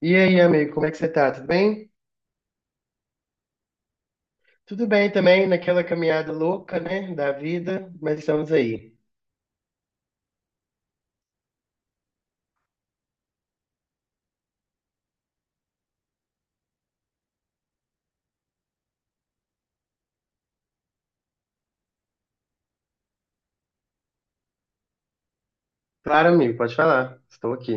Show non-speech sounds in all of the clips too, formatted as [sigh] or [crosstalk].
E aí, amigo, como é que você tá? Tudo bem? Tudo bem também, naquela caminhada louca, né, da vida, mas estamos aí. Claro, amigo, pode falar. Estou aqui.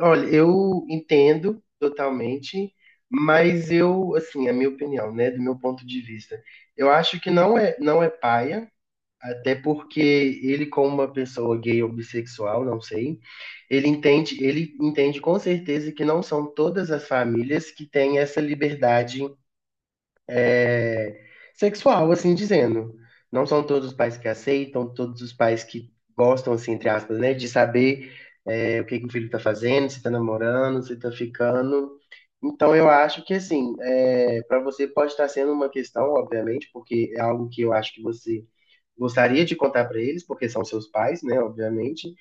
Olha, eu entendo totalmente, mas eu, assim, a minha opinião, né, do meu ponto de vista, eu acho que não é, não é paia, até porque ele, como uma pessoa gay ou bissexual, não sei, ele entende com certeza que não são todas as famílias que têm essa liberdade é, sexual, assim dizendo. Não são todos os pais que aceitam, todos os pais que gostam, assim, entre aspas, né, de saber o que que o filho está fazendo, se está namorando, se está ficando. Então, eu acho que, assim, é, para você pode estar sendo uma questão, obviamente, porque é algo que eu acho que você gostaria de contar para eles, porque são seus pais, né, obviamente.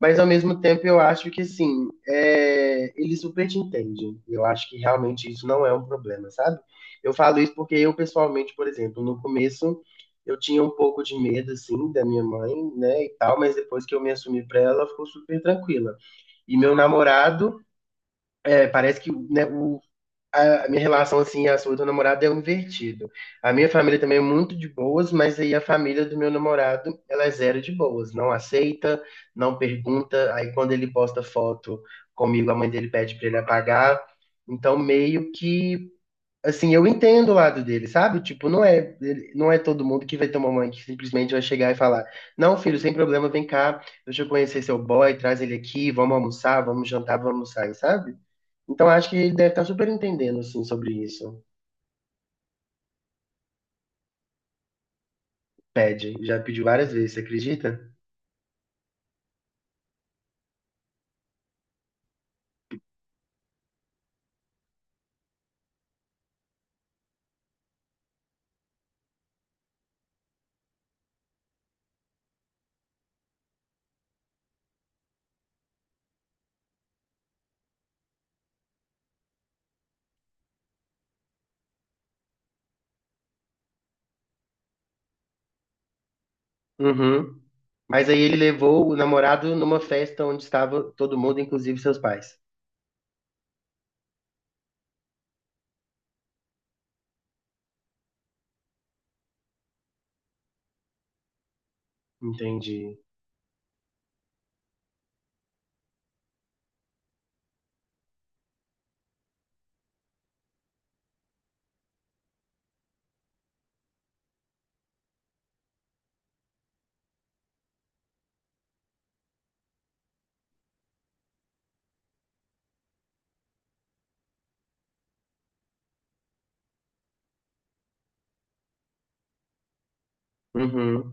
Mas, ao mesmo tempo, eu acho que, assim, é, eles super te entendem. Eu acho que realmente isso não é um problema, sabe? Eu falo isso porque eu, pessoalmente, por exemplo, no começo eu tinha um pouco de medo, assim, da minha mãe, né, e tal, mas depois que eu me assumi pra ela, ela ficou super tranquila. E meu namorado, é, parece que né, o, a minha relação, assim, a sua do namorado é um invertido. A minha família também é muito de boas, mas aí a família do meu namorado, ela é zero de boas. Não aceita, não pergunta. Aí quando ele posta foto comigo, a mãe dele pede pra ele apagar. Então, meio que assim, eu entendo o lado dele, sabe? Tipo, não é, ele- não é todo mundo que vai ter uma mãe que simplesmente vai chegar e falar: Não, filho, sem problema, vem cá, deixa eu conhecer seu boy, traz ele aqui, vamos almoçar, vamos jantar, vamos sair, sabe? Então acho que ele deve estar super entendendo, assim, sobre isso. Pede, já pediu várias vezes, você acredita? Uhum. Mas aí ele levou o namorado numa festa onde estava todo mundo, inclusive seus pais. Entendi. Uhum.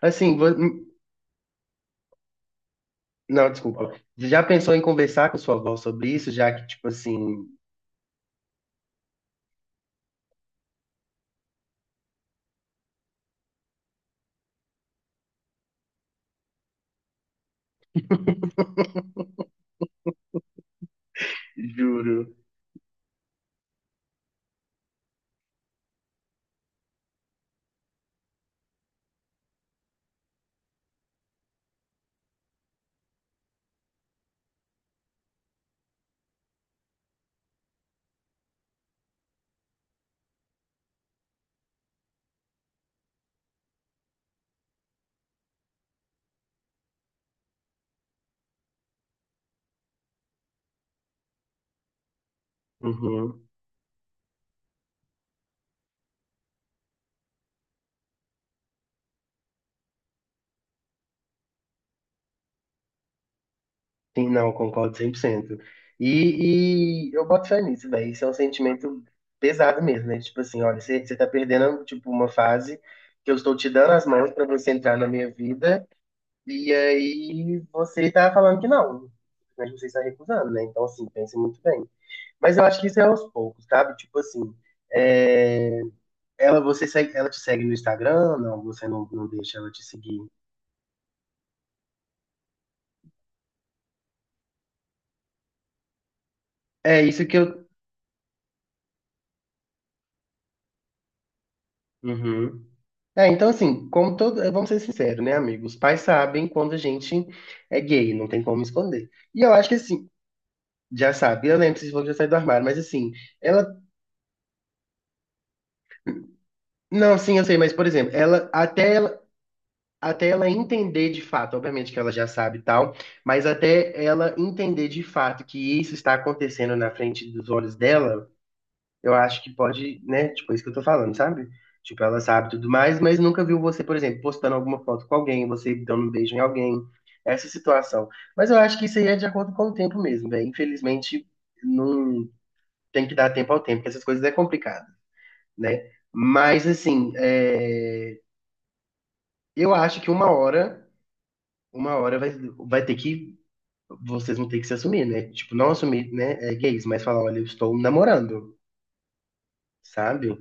Assim, vo- não, desculpa. Já pensou em conversar com sua avó sobre isso, já que, tipo assim, juro. Uhum. Sim, não, concordo 100%. E eu boto fé nisso, velho. Isso é um sentimento pesado mesmo, né? Tipo assim, olha, você tá perdendo, tipo, uma fase que eu estou te dando as mãos pra você entrar na minha vida, e aí você tá falando que não. Mas você está recusando, né? Então, assim, pense muito bem. Mas eu acho que isso é aos poucos, sabe? Tipo assim, é, ela, você segue, ela te segue no Instagram? Não, você não, não deixa ela te seguir. É isso que eu. Uhum. É, então assim, como todo, vamos ser sinceros, né, amigo? Os pais sabem quando a gente é gay, não tem como esconder. E eu acho que assim, já sabe, eu lembro se falou que já saiu do armário, mas assim, ela, não, sim, eu sei, mas por exemplo, ela até ela, até ela entender de fato, obviamente que ela já sabe e tal, mas até ela entender de fato que isso está acontecendo na frente dos olhos dela, eu acho que pode, né? Tipo, é isso que eu tô falando, sabe? Tipo, ela sabe tudo mais, mas nunca viu você, por exemplo, postando alguma foto com alguém, você dando um beijo em alguém, essa situação. Mas eu acho que isso aí é de acordo com o tempo mesmo, velho. Infelizmente, não tem que dar tempo ao tempo, porque essas coisas é complicado, né? Mas, assim, é, eu acho que uma hora, uma hora vai, vai ter que, vocês vão ter que se assumir, né? Tipo, não assumir, né, é, gays, mas falar, olha, eu estou namorando, sabe?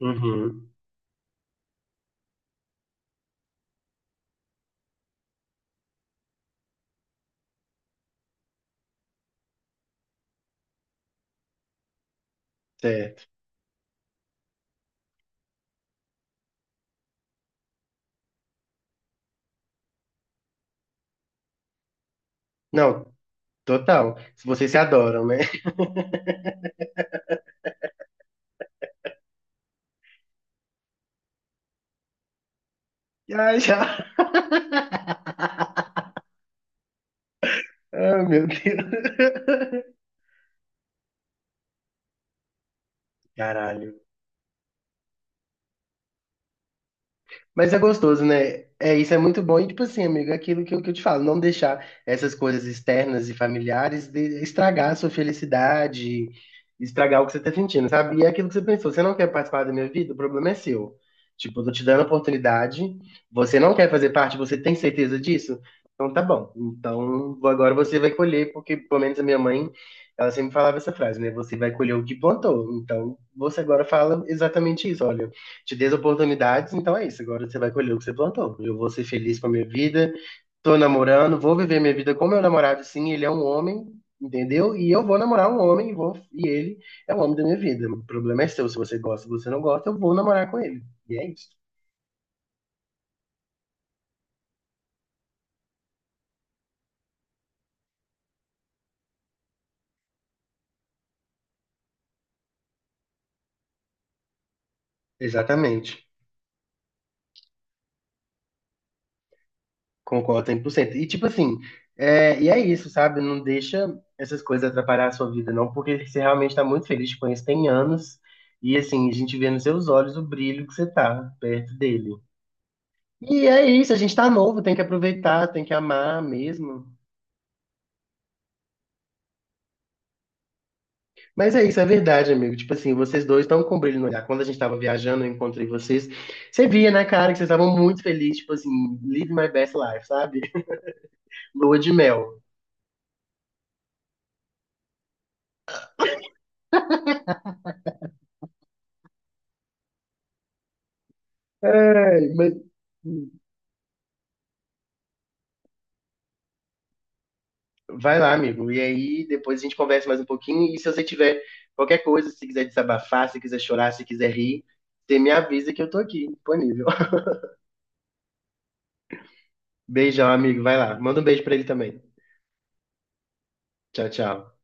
Uhum, certo. Não, total. Se vocês se adoram, né? [laughs] Ai, já. [laughs] Ah, meu Deus. [laughs] Caralho. Mas é gostoso, né? É, isso é muito bom. E, tipo assim, amigo, é aquilo que eu te falo, não deixar essas coisas externas e familiares de- estragar a sua felicidade, estragar o que você tá sentindo, sabe? E é aquilo que você pensou, você não quer participar da minha vida, o problema é seu. Tipo, eu tô te dando a oportunidade, você não quer fazer parte, você tem certeza disso? Então tá bom. Então agora você vai colher, porque pelo menos a minha mãe, ela sempre falava essa frase, né? Você vai colher o que plantou. Então você agora fala exatamente isso, olha te dê as oportunidades, então é isso. Agora você vai colher o que você plantou. Eu vou ser feliz com a minha vida, tô namorando, vou viver minha vida com meu namorado, sim, ele é um homem, entendeu? E eu vou namorar um homem e, vou, e ele é o homem da minha vida. O problema é seu, se você gosta, se você não gosta, eu vou namorar com ele. E é isso. Exatamente. Concordo 100%. E tipo assim, é, e é isso, sabe? Não deixa essas coisas atrapalhar a sua vida, não, porque você realmente tá muito feliz, te conheço tem anos, e assim, a gente vê nos seus olhos o brilho que você tá perto dele. E é isso, a gente tá novo, tem que aproveitar, tem que amar mesmo. Mas é isso, é verdade, amigo. Tipo assim, vocês dois estão com brilho no olhar. Quando a gente tava viajando, eu encontrei vocês. Você via na cara que vocês estavam muito felizes, tipo assim, live my best life, sabe? [laughs] Lua de mel. Ai, mas... Vai lá, amigo. E aí, depois a gente conversa mais um pouquinho. E se você tiver qualquer coisa, se quiser desabafar, se quiser chorar, se quiser rir, você me avisa que eu tô aqui, disponível. [laughs] Beijão, amigo. Vai lá. Manda um beijo pra ele também. Tchau, tchau.